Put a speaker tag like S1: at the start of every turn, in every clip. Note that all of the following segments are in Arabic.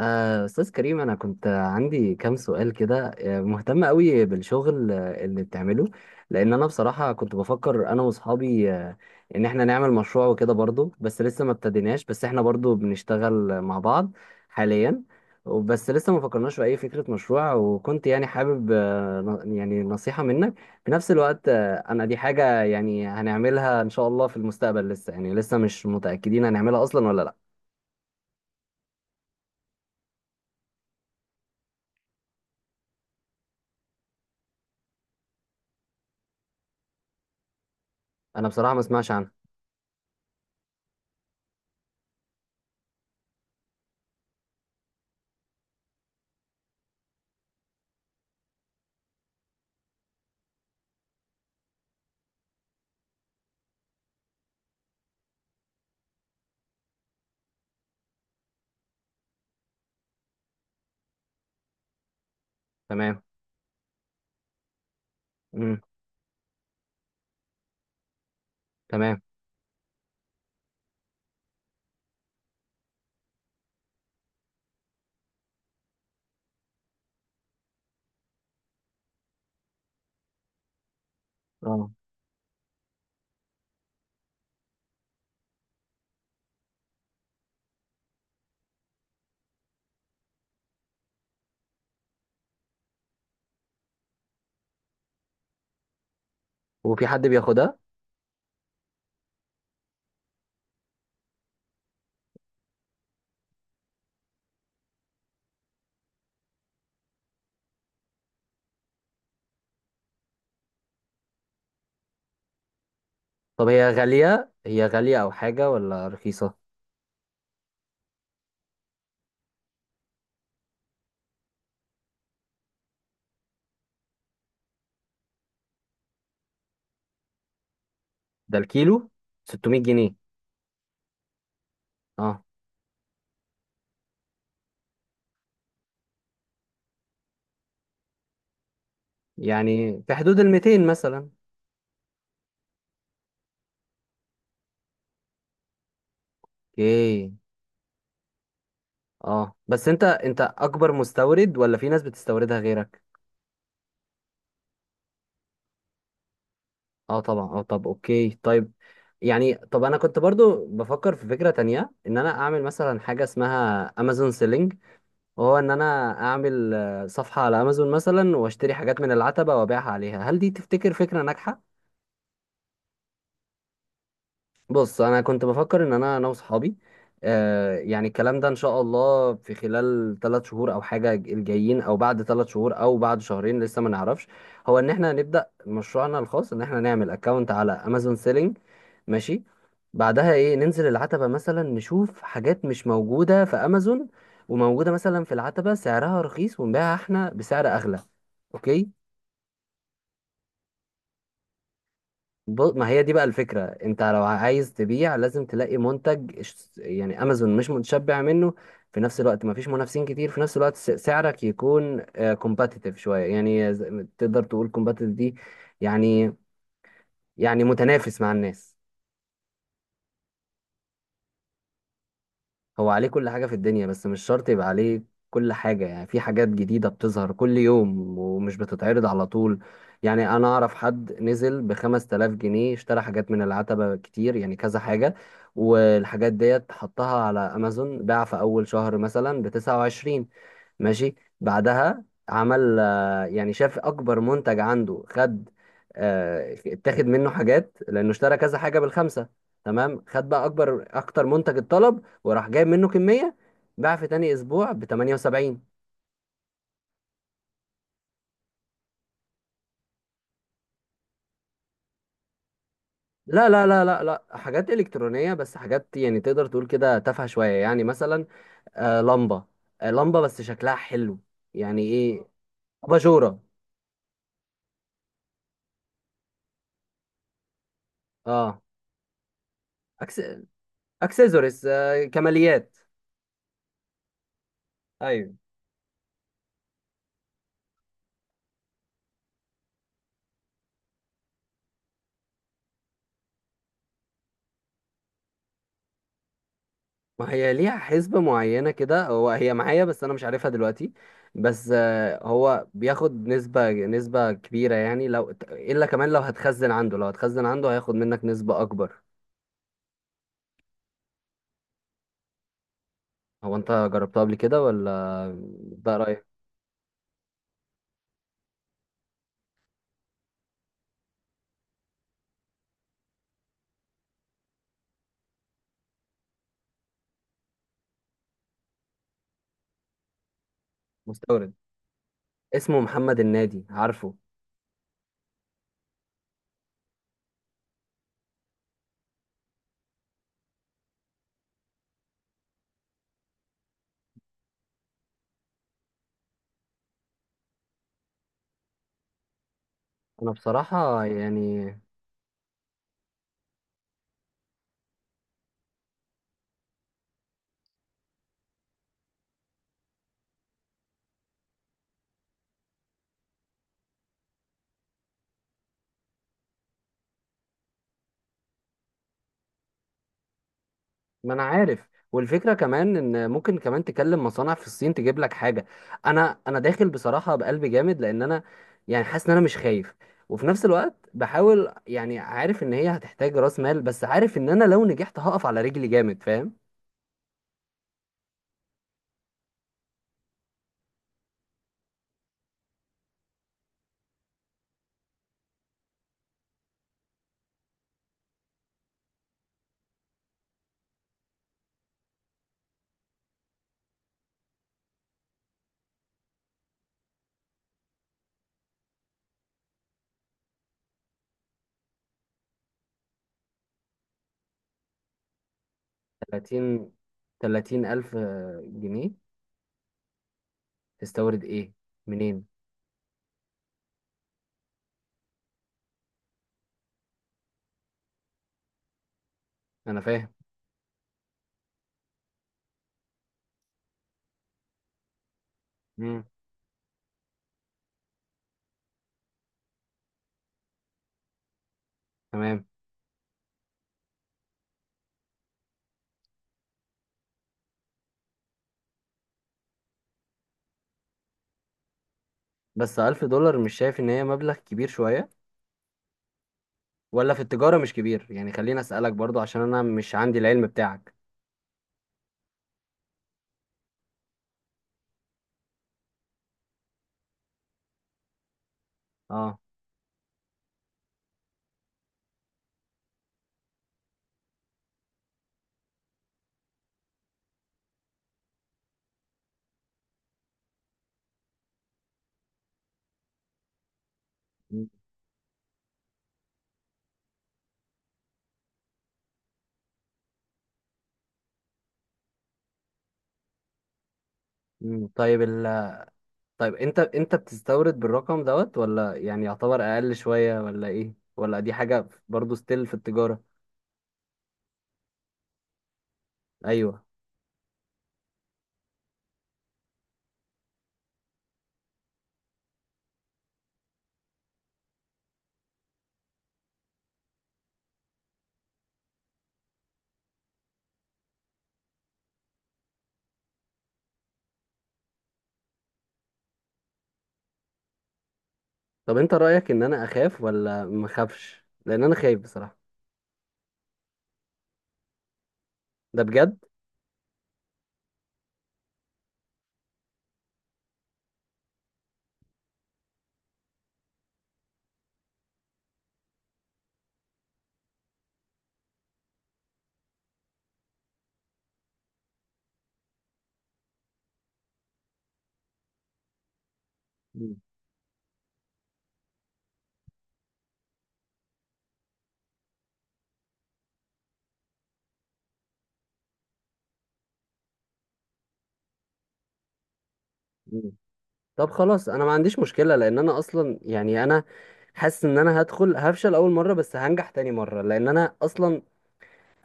S1: أستاذ كريم، أنا كنت عندي كام سؤال كده، مهتم قوي بالشغل اللي بتعمله. لأن أنا بصراحة كنت بفكر أنا وأصحابي، إن إحنا نعمل مشروع وكده برضو، بس لسه ما ابتديناش. بس إحنا برضو بنشتغل مع بعض حاليا. بس لسه ما فكرناش في أي فكرة مشروع، وكنت يعني حابب يعني نصيحة منك. في نفس الوقت أنا دي حاجة يعني هنعملها إن شاء الله في المستقبل، لسه مش متأكدين هنعملها أصلا ولا لأ. أنا بصراحة ما اسمعش عنها. تمام. تمام. اه. وفي حد بياخدها؟ طب هي غالية أو حاجة، ولا رخيصة؟ ده الكيلو 600 جنيه؟ اه، يعني في حدود ال 200 مثلا. اوكي. اه، بس انت اكبر مستورد ولا في ناس بتستوردها غيرك؟ اه طبعا. اه طب اوكي طيب. يعني طب انا كنت برضو بفكر في فكرة تانية، ان انا اعمل مثلا حاجة اسمها امازون سيلينج. وهو ان انا اعمل صفحة على امازون مثلا، واشتري حاجات من العتبة وابيعها عليها. هل دي تفتكر فكرة ناجحة؟ بص، انا كنت بفكر ان انا واصحابي يعني الكلام ده ان شاء الله في خلال 3 شهور او حاجه الجايين، او بعد 3 شهور او بعد شهرين، لسه ما نعرفش. هو ان احنا هنبدا مشروعنا الخاص، ان احنا نعمل اكونت على امازون سيلينج. ماشي. بعدها ايه؟ ننزل العتبه مثلا، نشوف حاجات مش موجوده في امازون وموجوده مثلا في العتبه سعرها رخيص، ونبيعها احنا بسعر اغلى. اوكي. ما هي دي بقى الفكرة. انت لو عايز تبيع لازم تلاقي منتج، يعني امازون مش متشبع منه، في نفس الوقت ما فيش منافسين كتير، في نفس الوقت سعرك يكون كومباتيتيف شوية. يعني تقدر تقول كومباتيتيف دي، يعني، يعني متنافس مع الناس. هو عليه كل حاجة في الدنيا بس مش شرط يبقى عليه كل حاجة. يعني في حاجات جديدة بتظهر كل يوم ومش بتتعرض على طول. يعني أنا أعرف حد نزل ب 5000 جنيه، اشترى حاجات من العتبة كتير، يعني كذا حاجة، والحاجات ديت حطها على أمازون. باع في أول شهر مثلا ب 29. ماشي. بعدها عمل، يعني شاف أكبر منتج عنده، خد اتاخد منه حاجات، لأنه اشترى كذا حاجة بالخمسة. تمام. خد بقى أكتر منتج اتطلب، وراح جايب منه كمية. باع في تاني اسبوع ب 78. لا لا لا لا لا، حاجات الكترونية بس، حاجات يعني تقدر تقول كده تافهة شوية. يعني مثلا، آه لمبة لمبة بس شكلها حلو. يعني ايه؟ اباجورة. اه. أكس... اكسسوارز، كماليات. ايوه. ما هي ليها حسبة معينة كده، هو هي معايا بس انا مش عارفها دلوقتي. بس هو بياخد نسبة كبيرة. يعني لو الا كمان، لو هتخزن عنده هياخد منك نسبة اكبر. هو انت جربتها قبل كده ولا؟ ده رايك؟ مستورد اسمه محمد النادي، عارفه؟ انا بصراحة يعني، ما انا عارف. والفكرة كمان ان ممكن كمان تكلم مصانع في الصين تجيب لك حاجة. انا داخل بصراحة بقلب جامد، لان انا يعني حاسس ان انا مش خايف. وفي نفس الوقت بحاول، يعني عارف ان هي هتحتاج راس مال، بس عارف ان انا لو نجحت هقف على رجلي جامد، فاهم؟ 30. 30 الف جنيه؟ تستورد ايه؟ منين؟ انا فاهم. مم. تمام. بس 1000 دولار، مش شايف ان هي مبلغ كبير شوية، ولا في التجارة مش كبير يعني؟ خليني اسألك برضو عشان انا مش عندي العلم بتاعك. اه. م- م. طيب انت بتستورد بالرقم دوت، ولا يعني يعتبر اقل شوية، ولا ايه، ولا دي حاجة برضو ستيل في التجارة؟ ايوه. طب انت رأيك ان انا اخاف ولا مخافش؟ لان انا خايف بصراحة. ده بجد؟ م- م. طب خلاص انا ما عنديش مشكلة، لان انا اصلا يعني انا حاسس ان انا هدخل هفشل اول مره، بس هنجح تاني مره، لان انا اصلا،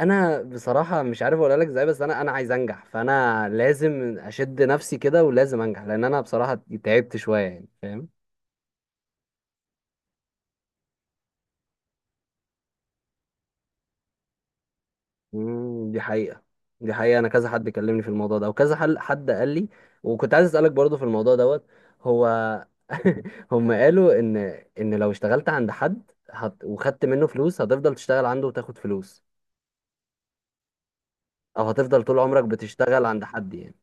S1: انا بصراحه مش عارف اقول لك ازاي، بس انا عايز انجح. فانا لازم اشد نفسي كده، ولازم انجح، لان انا بصراحه تعبت شويه، يعني فاهم؟ دي حقيقه. دي حقيقه، انا كذا حد كلمني في الموضوع ده، وكذا حل حد قال لي. وكنت عايز اسالك برضو في الموضوع دوت. هو هم قالوا ان لو اشتغلت عند حد وخدت منه فلوس، هتفضل تشتغل عنده وتاخد فلوس. او هتفضل طول عمرك بتشتغل عند حد يعني.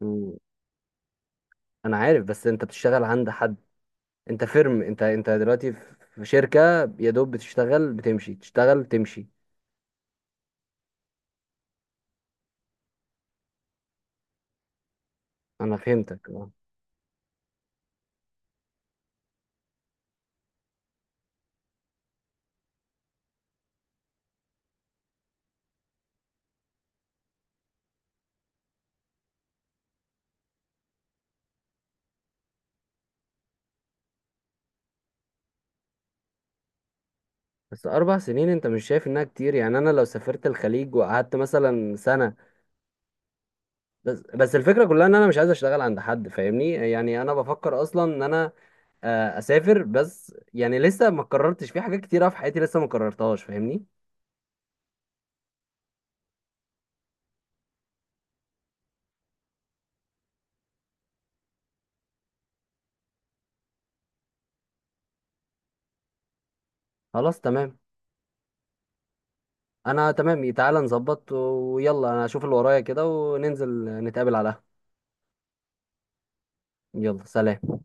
S1: مم. انا عارف، بس انت بتشتغل عند حد. انت فيرم، انت دلوقتي في شركة، يا دوب بتشتغل بتمشي، تشتغل تمشي. انا فهمتك اه. بس 4 سنين انت مش شايف انها كتير؟ يعني انا لو سافرت الخليج وقعدت مثلا سنة. بس الفكرة كلها ان انا مش عايز اشتغل عند حد، فاهمني؟ يعني انا بفكر اصلا ان انا اسافر بس، يعني لسه ما قررتش في حاجات كتيرة في حياتي لسه ما قررتهاش، فاهمني؟ خلاص تمام. انا تمام، تعالى نظبط. ويلا انا اشوف اللي ورايا كده وننزل نتقابل على القهوة. يلا سلام.